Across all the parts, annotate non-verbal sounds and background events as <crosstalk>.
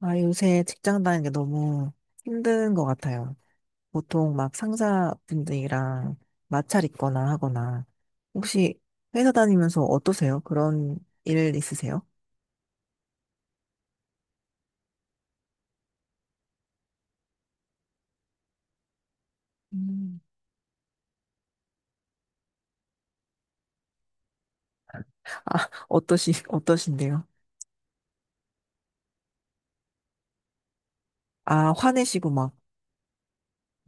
아, 요새 직장 다니는 게 너무 힘든 것 같아요. 보통 막 상사분들이랑 마찰 있거나 하거나, 혹시 회사 다니면서 어떠세요? 그런 일 있으세요? 음. 아, <laughs> 어떠신데요? 아, 화내시고 막.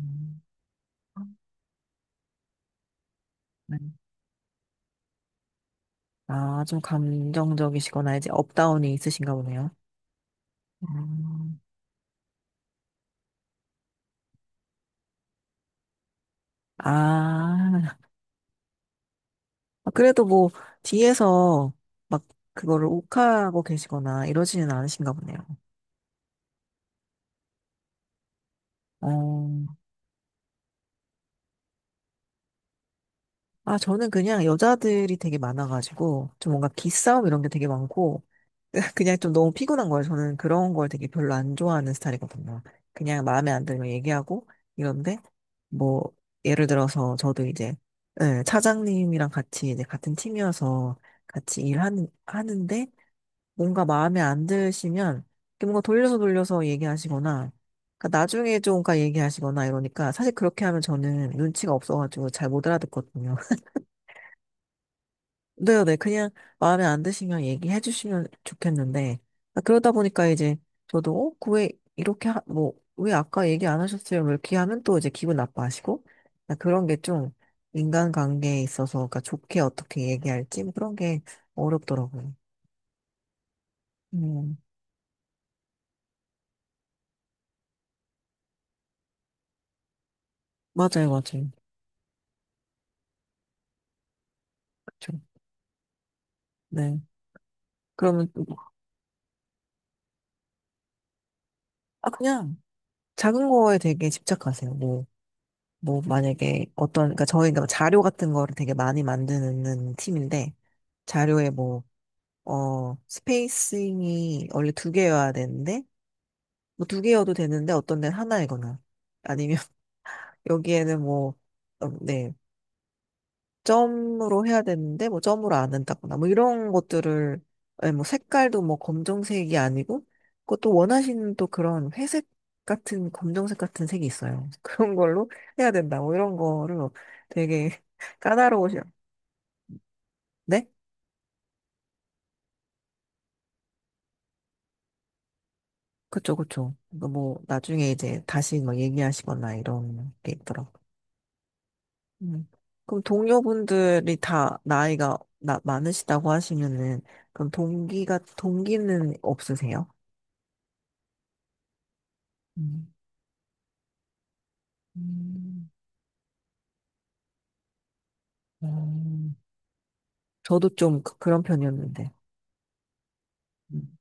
음. 네. 아, 좀 감정적이시거나 이제 업다운이 있으신가 보네요. 음. 아, 그래도 뭐, 뒤에서 막 그거를 욱하고 계시거나 이러지는 않으신가 보네요. 어. 아, 저는 그냥 여자들이 되게 많아가지고, 좀 뭔가 기싸움 이런 게 되게 많고, <laughs> 그냥 좀 너무 피곤한 거예요. 저는 그런 걸 되게 별로 안 좋아하는 스타일이거든요. 그냥 마음에 안 들면 얘기하고, 이런데, 뭐, 예를 들어서 저도 이제, 예, 차장님이랑 같이 이제 같은 팀이어서 같이 하는데, 뭔가 마음에 안 드시면 이렇게 뭔가 돌려서 돌려서 얘기하시거나 그러니까 나중에 좀가 얘기하시거나 이러니까 사실 그렇게 하면 저는 눈치가 없어가지고 잘 못 알아듣거든요. <laughs> 네, 네, 그냥 마음에 안 드시면 얘기해 주시면 좋겠는데 아, 그러다 보니까 이제 저도 그왜 이렇게 하, 뭐, 왜 아까 얘기 안 하셨어요? 뭐 이렇게 하면 또 이제 기분 나빠하시고 아, 그런 게 좀 인간관계에 있어서 그러니까 좋게 어떻게 얘기할지 뭐 그런 게 어렵더라고요. 음. 맞아요, 맞아요. 그쵸. 네. 그러면 또 뭐- 아 그냥 작은 거에 되게 집착하세요. 뭐 뭐 만약에 어떤 그러니까 저희가 자료 같은 거를 되게 많이 만드는 팀인데 자료에 뭐 어 스페이싱이 원래 두 개여야 되는데 뭐 두 개여도 되는데 어떤 데는 하나이거나 아니면 <laughs> 여기에는 뭐네 점으로 해야 되는데 뭐 점으로 안 한다거나 뭐 이런 것들을 예, 뭐 색깔도 뭐 검정색이 아니고 그것도 원하시는 또 그런 회색 같은 검정색 같은 색이 있어요. <laughs> 그런 걸로 해야 된다. 뭐 이런 거를 뭐 되게 <laughs> 까다로우셔. 네? 그쵸, 그쵸. 그러니까 뭐 나중에 이제 다시 뭐 얘기하시거나 이런 게 있더라고. 음. 그럼 동료분들이 다 많으시다고 하시면은 그럼 동기가 동기는 없으세요? 음. 음, 음. 저도 좀 그런 편이었는데. 음.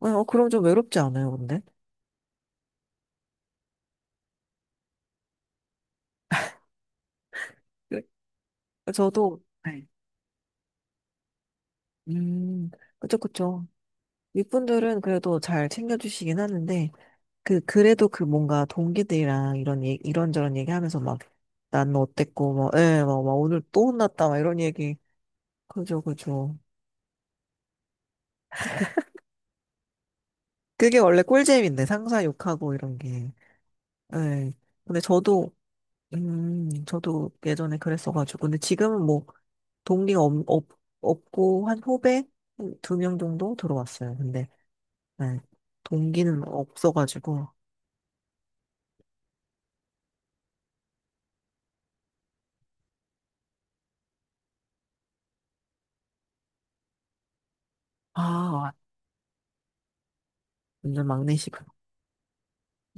어, 그럼 좀 외롭지 않아요, 근데? 저도, 네. 음, 그쵸, 그쵸. 윗분들은 그래도 잘 챙겨주시긴 하는데, 그래도 그 뭔가 동기들이랑 이런, 이런저런 얘기하면서 막, 난 어땠고, 막, 예, 막, 막 오늘 또 혼났다, 막 이런 얘기. 그죠, 그죠. 그게 원래 꿀잼인데, 상사 욕하고 이런 게. 예. 근데 저도 저도 예전에 그랬어가지고. 근데 지금은 뭐, 동기가 없, 없, 없고, 한 후배? 2명 정도 들어왔어요. 근데, 네, 동기는 없어가지고. 아, 완전 막내시군.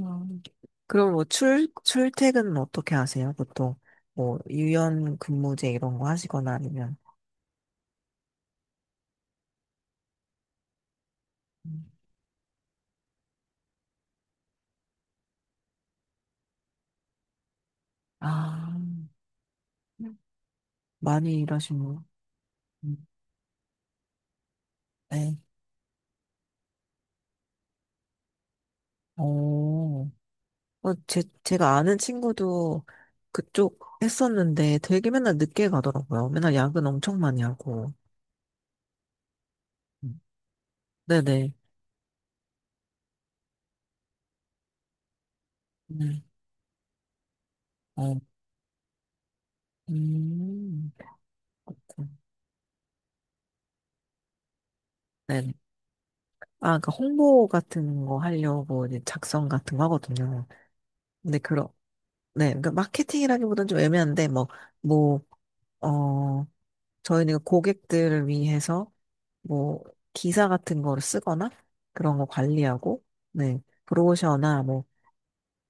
음. 그럼 뭐, 출퇴근은 어떻게 하세요? 보통, 뭐, 유연 근무제 이런 거 하시거나 아니면. 음. 아, 많이 일하시는 네. 오오. 어, 제가 아는 친구도 그쪽 했었는데 되게 맨날 늦게 가더라고요. 맨날 야근 엄청 많이 하고. 음. 네네. 네. 어. 음. 그렇군. 네네. 아, 그러니까 홍보 같은 거 하려고 이제 작성 같은 거 하거든요. 근데 그런 네. 그러니까 마케팅이라기보다는 좀 애매한데, 뭐, 뭐, 어, 저희는 고객들을 위해서 뭐, 기사 같은 거를 쓰거나 그런 거 관리하고, 네. 브로셔나 뭐,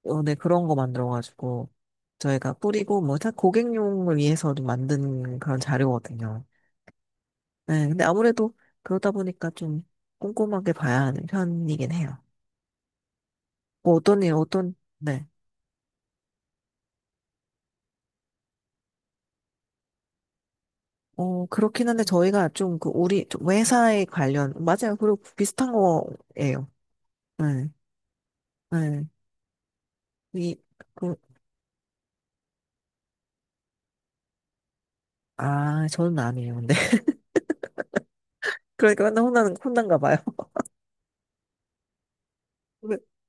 어, 네, 그런 거 만들어가지고 저희가 뿌리고 뭐 다 고객용을 위해서 좀 만든 그런 자료거든요. 네, 근데 아무래도 그러다 보니까 좀 꼼꼼하게 봐야 하는 편이긴 해요. 뭐 어떤 일, 어떤, 네. 어, 그렇긴 한데 저희가 좀 그 우리 좀 회사에 관련, 맞아요. 그리고 비슷한 거예요. 네, 네. 이, 그, 아, 저는 아니에요. 근데. <laughs> 그러니까 맨날 혼난가 봐요. <laughs>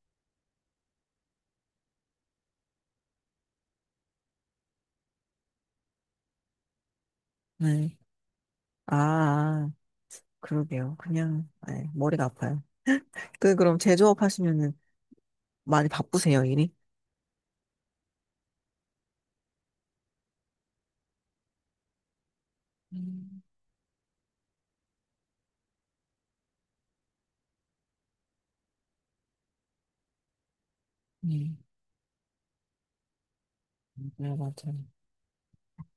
네. 아, 아, 그러게요. 그냥, 네, 머리가 아파요. 그럼 제조업 하시면은 많이 바쁘세요, 일이? 음. 음. 네, 맞아요, 아.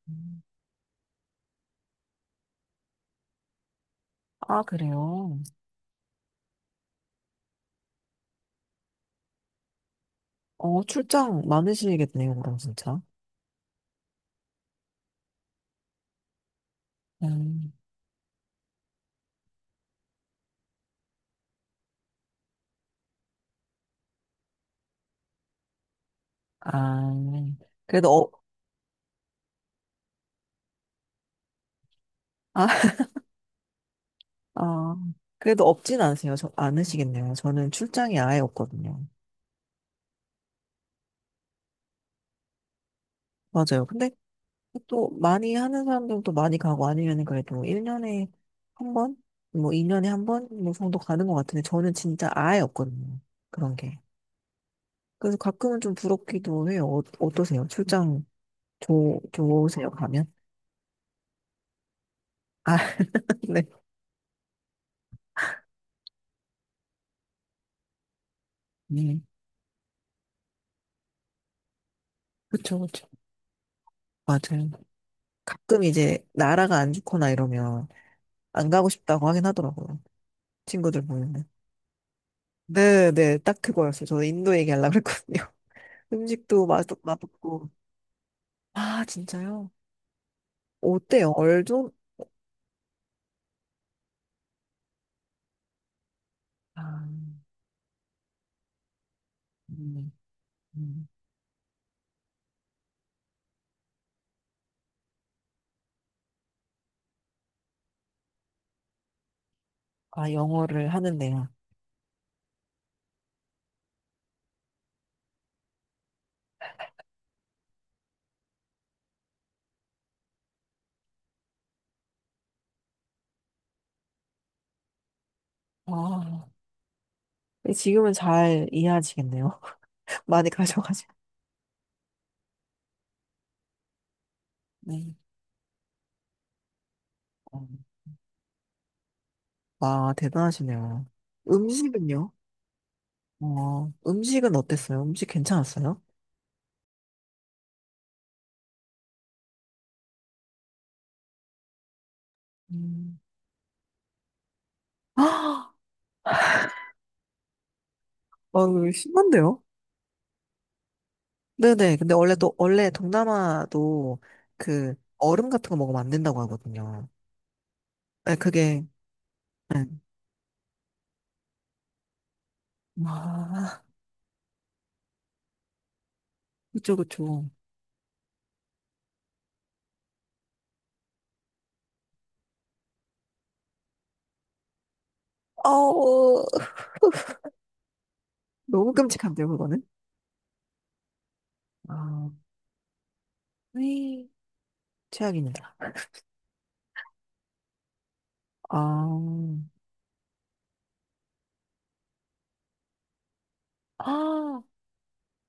음. 아, 그래요? 어, 출장 많으시겠네요, 그럼 진짜. 음. 아, 그래도 어. 아, <laughs> 아, 그래도 없진 않으세요. 않으시겠네요. 저는 출장이 아예 없거든요. 맞아요. 근데 또 많이 하는 사람들도 많이 가고 아니면 그래도 1년에 한 번? 뭐 2년에 한 번? 뭐 정도 가는 것 같은데 저는 진짜 아예 없거든요. 그런 게. 그래서 가끔은 좀 부럽기도 해요. 어, 어떠세요? 출장 좋으세요, 가면? 아, <laughs> 네. 음, 그쵸, 그쵸. 맞아요. 가끔 이제 나라가 안 좋거나 이러면 안 가고 싶다고 하긴 하더라고요. 친구들 보면은. 네, 네, 딱 그거였어요. 저 인도 얘기하려고 그랬거든요. <laughs> 음식도 맛없고. 아, 진짜요? 어때요? 얼좀? 아. 음. 음. 아, 영어를 하는데요. 아, 근데 지금은 잘 이해하시겠네요. <laughs> 많이 가셔가지고. 네. 와, 대단하시네요. 음식은요? 어, 음식은 어땠어요? 음식 괜찮았어요? 음. 아, 아, 이거 심한데요? 네네. 근데 원래 또, 원래 동남아도 그 얼음 같은 거 먹으면 안 된다고 하거든요. 네, 그게, 네. 아, 그쵸, 그쵸. 어우, 너무 끔찍한데요, 그거는? 아, 네. 최악입니다. 아, 아.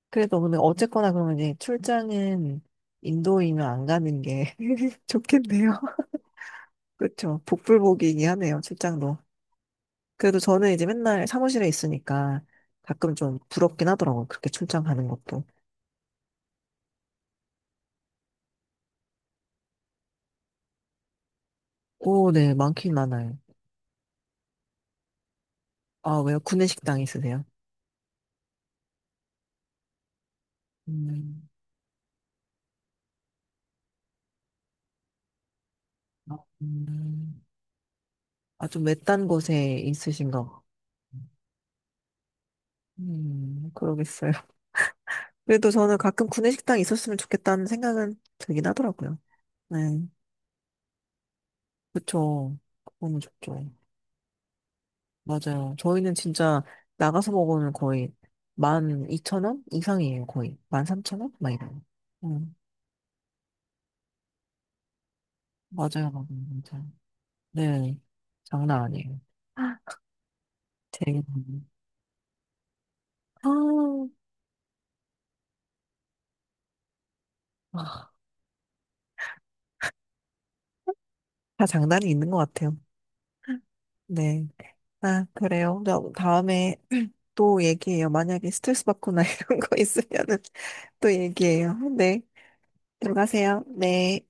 그래도 근데 어쨌거나 그러면 이제 출장은 인도이면 안 가는 게 <laughs> 좋겠네요. <laughs> 그렇죠. 복불복이긴 하네요, 출장도. 그래도 저는 이제 맨날 사무실에 있으니까 가끔 좀 부럽긴 하더라고요. 그렇게 출장 가는 것도. 오, 네, 많긴 많아요. 아, 왜요? 구내식당 있으세요? 음. 음. 음. 아, 좀 외딴 곳에 있으신가? 봐. 그러겠어요. 그래도 저는 가끔 구내식당 있었으면 좋겠다는 생각은 들긴 하더라고요. 네, 그쵸. 너무 좋죠. 맞아요. 저희는 진짜 나가서 먹으면 거의 12,000원 이상이에요. 거의 13,000원? 막 이래요. 음, 맞아요. 맞아요. 맞아요. 네. 장난 아니에요. 아, 되게. 아, 아. 다 장단이 있는 것 같아요. 네. 아, 그래요. 나 다음에 또 얘기해요. 만약에 스트레스 받거나 <laughs> 이런 거 있으면은 또 얘기해요. 네. 들어가세요. 네.